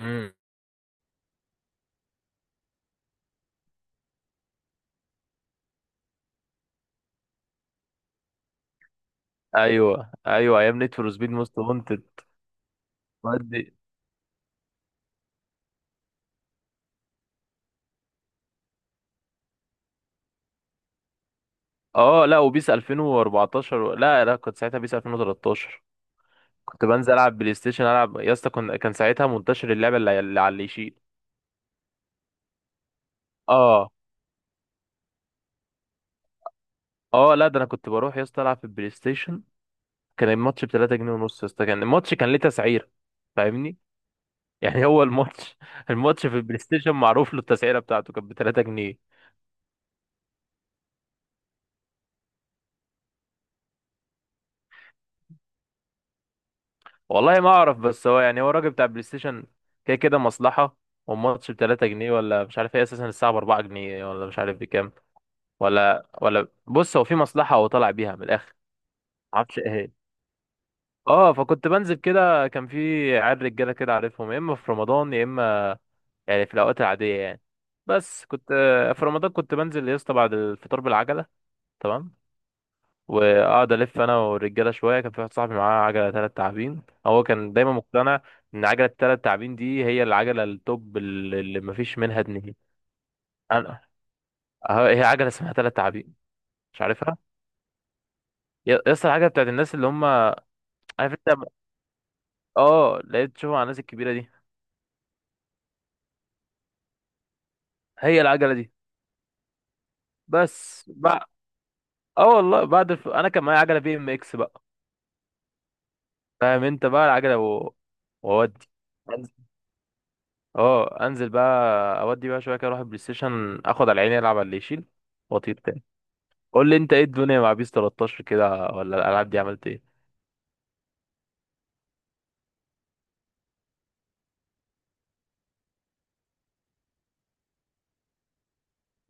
امم ايوه، ايوه، ايام نيد فور سبيد موست وانتد ودي. اه لا وبيس 2014 لا، كنت ساعتها بيس 2013. كنت بنزل العب بلاي ستيشن، العب يا اسطى. كان ساعتها منتشر اللعبه اللي على اللي يشيل. اه اه لا، ده انا كنت بروح يا اسطى العب في البلاي ستيشن. كان الماتش ب 3 جنيه ونص يا اسطى، كان الماتش كان ليه تسعيره. فاهمني؟ يعني هو الماتش الماتش في البلاي ستيشن معروف له التسعيره بتاعته، كانت ب 3 جنيه. والله ما اعرف، بس هو يعني هو الراجل بتاع بلاي ستيشن كده كده مصلحه. والماتش ب 3 جنيه ولا مش عارف ايه، اساسا الساعه ب 4 جنيه ولا مش عارف بكام. ولا ولا بص، هو في مصلحه، هو طالع بيها من الاخر. معرفش ايه هي. اه فكنت بنزل كده، كان في عيال رجاله كده عارفهم، يا اما في رمضان يا اما يعني في الاوقات العاديه يعني. بس كنت، في رمضان كنت بنزل يا اسطى بعد الفطار بالعجله. تمام. واقعد الف انا والرجاله شويه، كان في واحد صاحبي معاه عجله ثلاث تعابين، هو كان دايما مقتنع ان عجله الثلاث تعابين دي هي العجله التوب اللي مفيش منها اتنين. انا، اه هي عجله اسمها ثلاث تعابين، مش عارفها. يا اسطى العجله بتاعت الناس اللي هم عارف انت. اه، لقيت تشوفها على الناس الكبيره دي، هي العجله دي. بس بقى، اه والله بعد انا كان معايا عجله بي ام اكس بقى، فاهم انت بقى العجله وودي. اه انزل بقى، اودي بقى شويه كده اروح البلاي ستيشن، اخد على عيني العب على اللي يشيل واطير تاني. قول لي انت ايه الدنيا مع بيس 13 كده، ولا الالعاب دي عملت ايه؟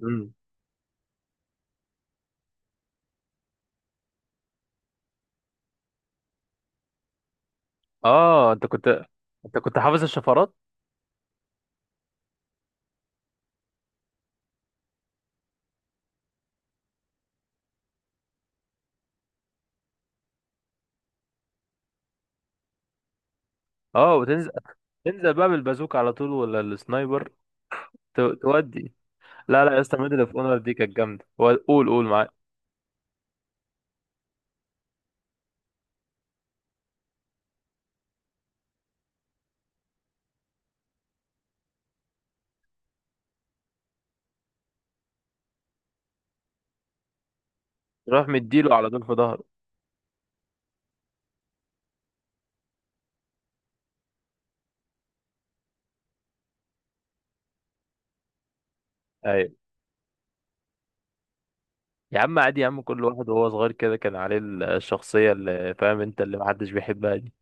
امم اه. انت كنت حافظ الشفرات؟ اه وتنزل، تنزل بقى بالبازوك على طول ولا السنايبر؟ تودي. لا، لا يا اسطى، ميدل اوف اونر دي كانت جامده. قول قول معاك. تروح مديله على طول في ظهره. ايوه. يا عم عادي يا عم، كل واحد وهو صغير كده كان عليه الشخصيه اللي فاهم انت اللي محدش بيحبها دي.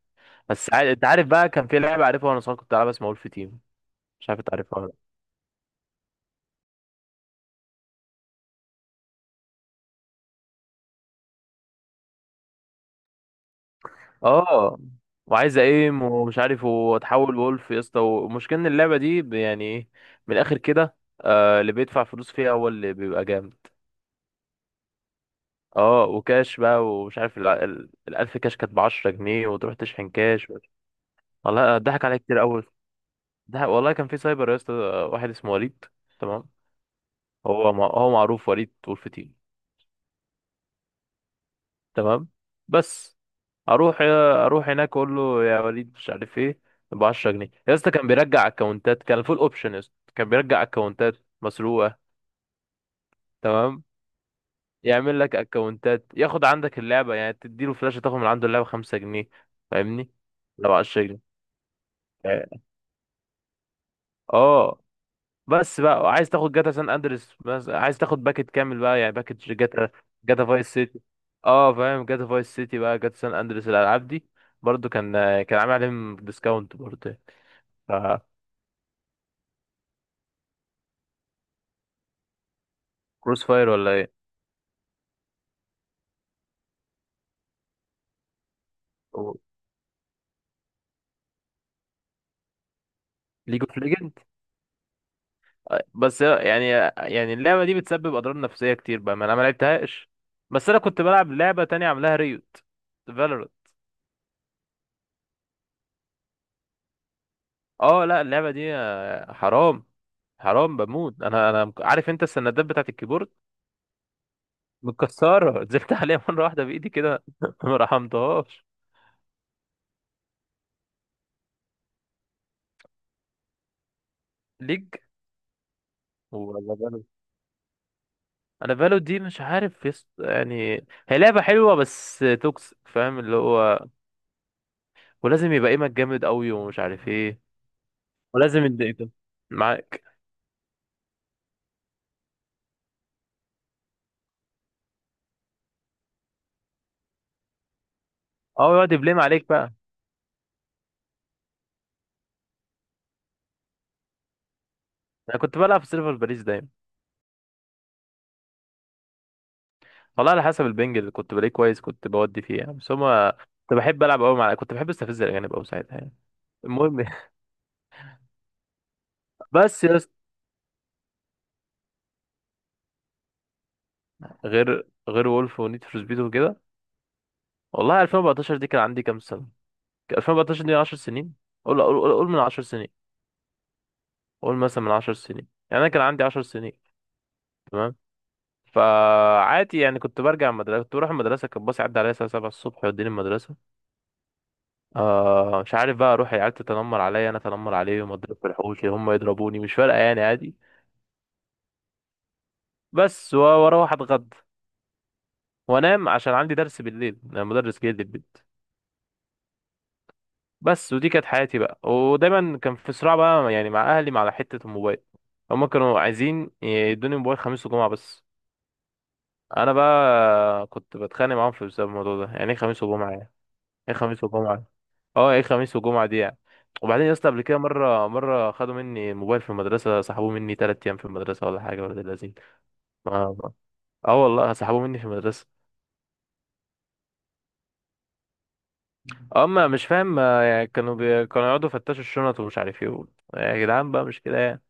بس انت عارف بقى، كان في لعبه عارفها وانا صغير كنت العبها، اسمها وولف تيم، مش عارف انت عارفها ولا لأ. اه وعايز ايم ومش عارف واتحول وولف يا اسطى، ومشكلة ان اللعبه دي يعني ايه، من الاخر كده آه اللي بيدفع فلوس فيها هو اللي بيبقى جامد. اه وكاش بقى ومش عارف الألف كاش كانت بعشرة جنيه، وتروح تشحن كاش. والله ضحك عليا كتير أوي. ده والله كان في سايبر يا اسطى، واحد اسمه وليد. تمام. هو معروف وليد وولف تيم. تمام، بس اروح، اروح هناك اقول له يا وليد مش عارف ايه، ب 10 جنيه يا اسطى. كان بيرجع اكونتات، كان فول اوبشن يا اسطى، كان بيرجع اكونتات مسروقه. تمام، يعمل لك اكونتات، ياخد عندك اللعبه يعني، تديله فلاشه تاخد من عنده اللعبه 5 جنيه، فاهمني، لو 10 جنيه. اه بس بقى عايز تاخد جاتا سان اندريس، بس عايز تاخد باكت كامل بقى يعني، باكت جاتا، جاتا فايس سيتي. اه فاهم، جاتا فايس سيتي بقى جاتا سان اندريس الالعاب دي برضو كان، كان عامل عليهم ديسكاونت برضو يعني. ف كروس فاير ولا ايه؟ ليج اوف ليجند. بس يعني، يعني اللعبه دي بتسبب اضرار نفسيه كتير بقى، ما انا ما لعبتهاش. بس انا كنت بلعب لعبه تانية عاملاها ريوت، فالورانت. اه لا، اللعبه دي حرام، حرام بموت. انا عارف انت السندات بتاعت الكيبورد متكسرة، نزلت عليها مرة واحدة بإيدي كده ما رحمتهاش. ليج، ولا بالو. أنا بالو دي مش عارف، يعني هي لعبة حلوة بس توكسيك، فاهم اللي هو، ولازم يبقى ايمك جامد قوي ومش عارف ايه، ولازم يديك معاك. اه يقعد يبليم عليك بقى. أنا كنت بلعب في سيرفر باريس دايما. والله على حسب البنج اللي كنت بلاقيه كويس كنت بودي فيه يعني، بس هما، كنت بحب ألعب أوي مع، كنت بحب أستفز الأجانب أوي ساعتها يعني. المهم. بس يا اسطى، غير غير وولف ونيد فور سبيد وكده. والله 2014 دي كان عندي كام سنة؟ كان 2014 دي 10 سنين، قول قول قول قول من 10 سنين، قول مثلا من 10 سنين يعني، انا كان عندي 10 سنين. تمام. فعادي يعني، كنت برجع المدرسة، كنت بروح المدرسة، كان باص يعدي عليا الساعة 7 الصبح يوديني المدرسة. آه مش عارف بقى، اروح العيال تتنمر عليا انا اتنمر عليهم، اضرب في الحوش هم يضربوني، مش فارقة يعني عادي. بس واروح اتغدى وانام عشان عندي درس بالليل، أنا مدرس جاي لي البيت. بس ودي كانت حياتي بقى، ودايما كان في صراع بقى يعني مع اهلي، مع حتة الموبايل. هما كانوا عايزين يدوني موبايل خميس وجمعة بس. انا بقى كنت بتخانق معاهم في بسبب الموضوع ده. يعني ايه خميس وجمعة يعني؟ ايه خميس وجمعة؟ اه ايه خميس وجمعة دي يعني. وبعدين يا اسطى، قبل كده مرة خدوا مني الموبايل في المدرسة، سحبوه مني تلات أيام في المدرسة، ولا حاجة ولا لذيذ. اه آه والله سحبوه مني في المدرسة. أما مش فاهم، يعني كانوا يقعدوا يفتشوا الشنط ومش عارف ايه. يا جدعان بقى، مش كده يعني.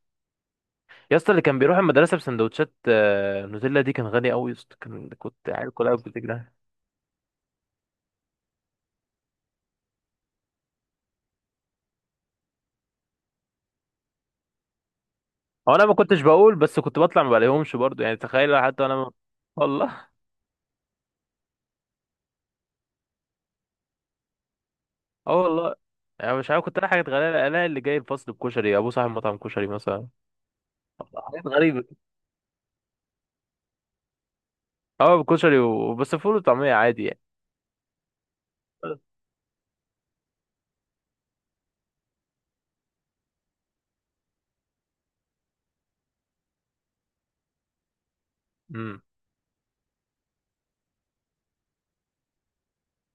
يا اسطى، اللي كان بيروح المدرسة بسندوتشات نوتيلا دي كان غني قوي يا اسطى، كان كنت عيل كلها بتجري. هو انا ما كنتش بقول، بس كنت بطلع ما بلاقيهمش برضو يعني، تخيل حتى انا ما... والله. اه والله. يعني مش عارف، كنت الاقي حاجات غريبه، الاقي اللي جاي الفصل بكشري، ابو صاحب مطعم كشري مثلا. حاجات غريبه. اه بكشري وبس، فول وطعميه عادي يعني. امم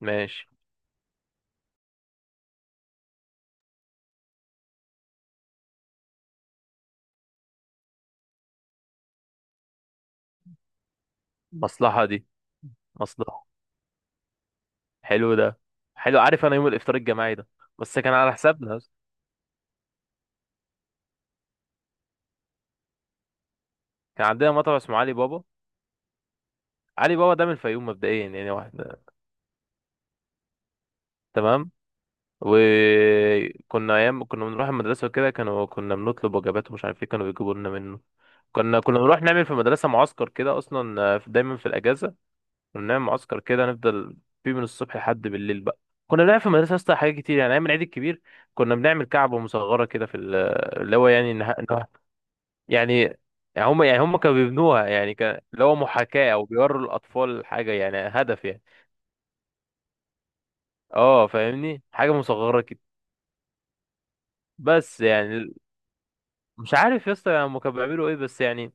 ماشي. مصلحه دي، مصلحه. حلو ده، حلو. عارف انا يوم الافطار الجماعي ده، بس كان على حسابنا. كان عندنا مطعم اسمه علي بابا، علي بابا ده من الفيوم مبدئيا يعني، واحد. تمام. وكنا ايام كنا بنروح المدرسه وكده، كانوا كنا بنطلب وجبات ومش عارف ايه، كانوا بيجيبوا لنا منه. كنا بنروح نعمل في المدرسه معسكر كده اصلا، دايما في الاجازه كنا بنعمل معسكر كده، نفضل فيه من الصبح لحد بالليل بقى. كنا بنعمل في المدرسه اصلا حاجات كتير يعني، ايام العيد الكبير كنا بنعمل كعبه مصغره كده اللي هو يعني يعني، يعني هم كانوا بيبنوها يعني، كان اللي هو محاكاه او بيوروا الاطفال حاجه يعني، هدف يعني. اه فاهمني، حاجه مصغره كده. بس يعني مش عارف يا اسطى هم كانوا بيعملوا ايه، بس يعني،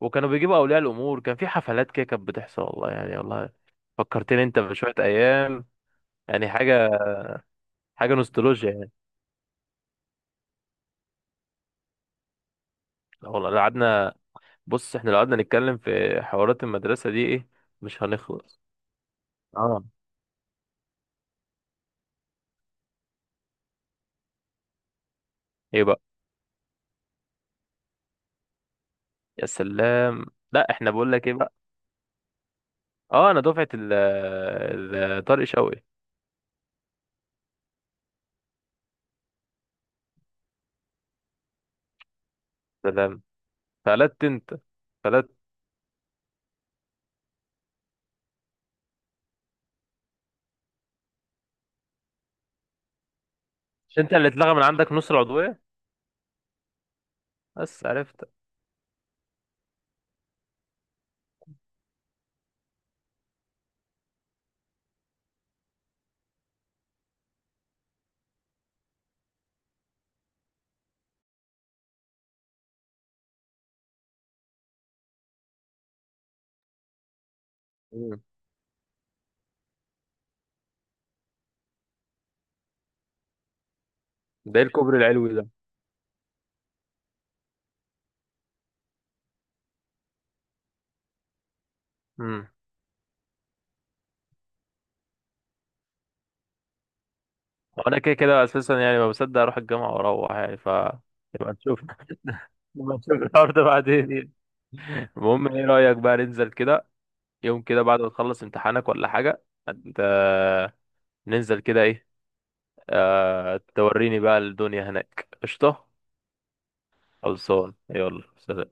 وكانوا بيجيبوا اولياء الامور، كان في حفلات كده كانت بتحصل والله يعني، والله فكرتني انت بشويه ايام. يعني حاجه، حاجه نوستالجيا يعني. لا والله، لو قعدنا، بص احنا لو قعدنا نتكلم في حوارات المدرسه دي ايه، مش هنخلص. اه ايه بقى؟ يا سلام. لا احنا بقول لك ايه بقى. اه انا دفعه طارق شوقي. سلام، فلت انت، فلت. مش انت اللي اتلغى من عندك نص العضويه؟ بس عرفت. مم. ده ايه الكوبري العلوي؟ ده وانا كده كده اساسا يعني ما بصدق اروح الجامعه واروح يعني، ف نبقى نشوف نبقى نشوف الحوار ده بعدين يعني. المهم، ايه رايك بقى ننزل كده يوم كده بعد ما تخلص امتحانك ولا حاجه؟ انت، ننزل كده ايه. توريني بقى الدنيا هناك. قشطه. خلصان، يلا سلام.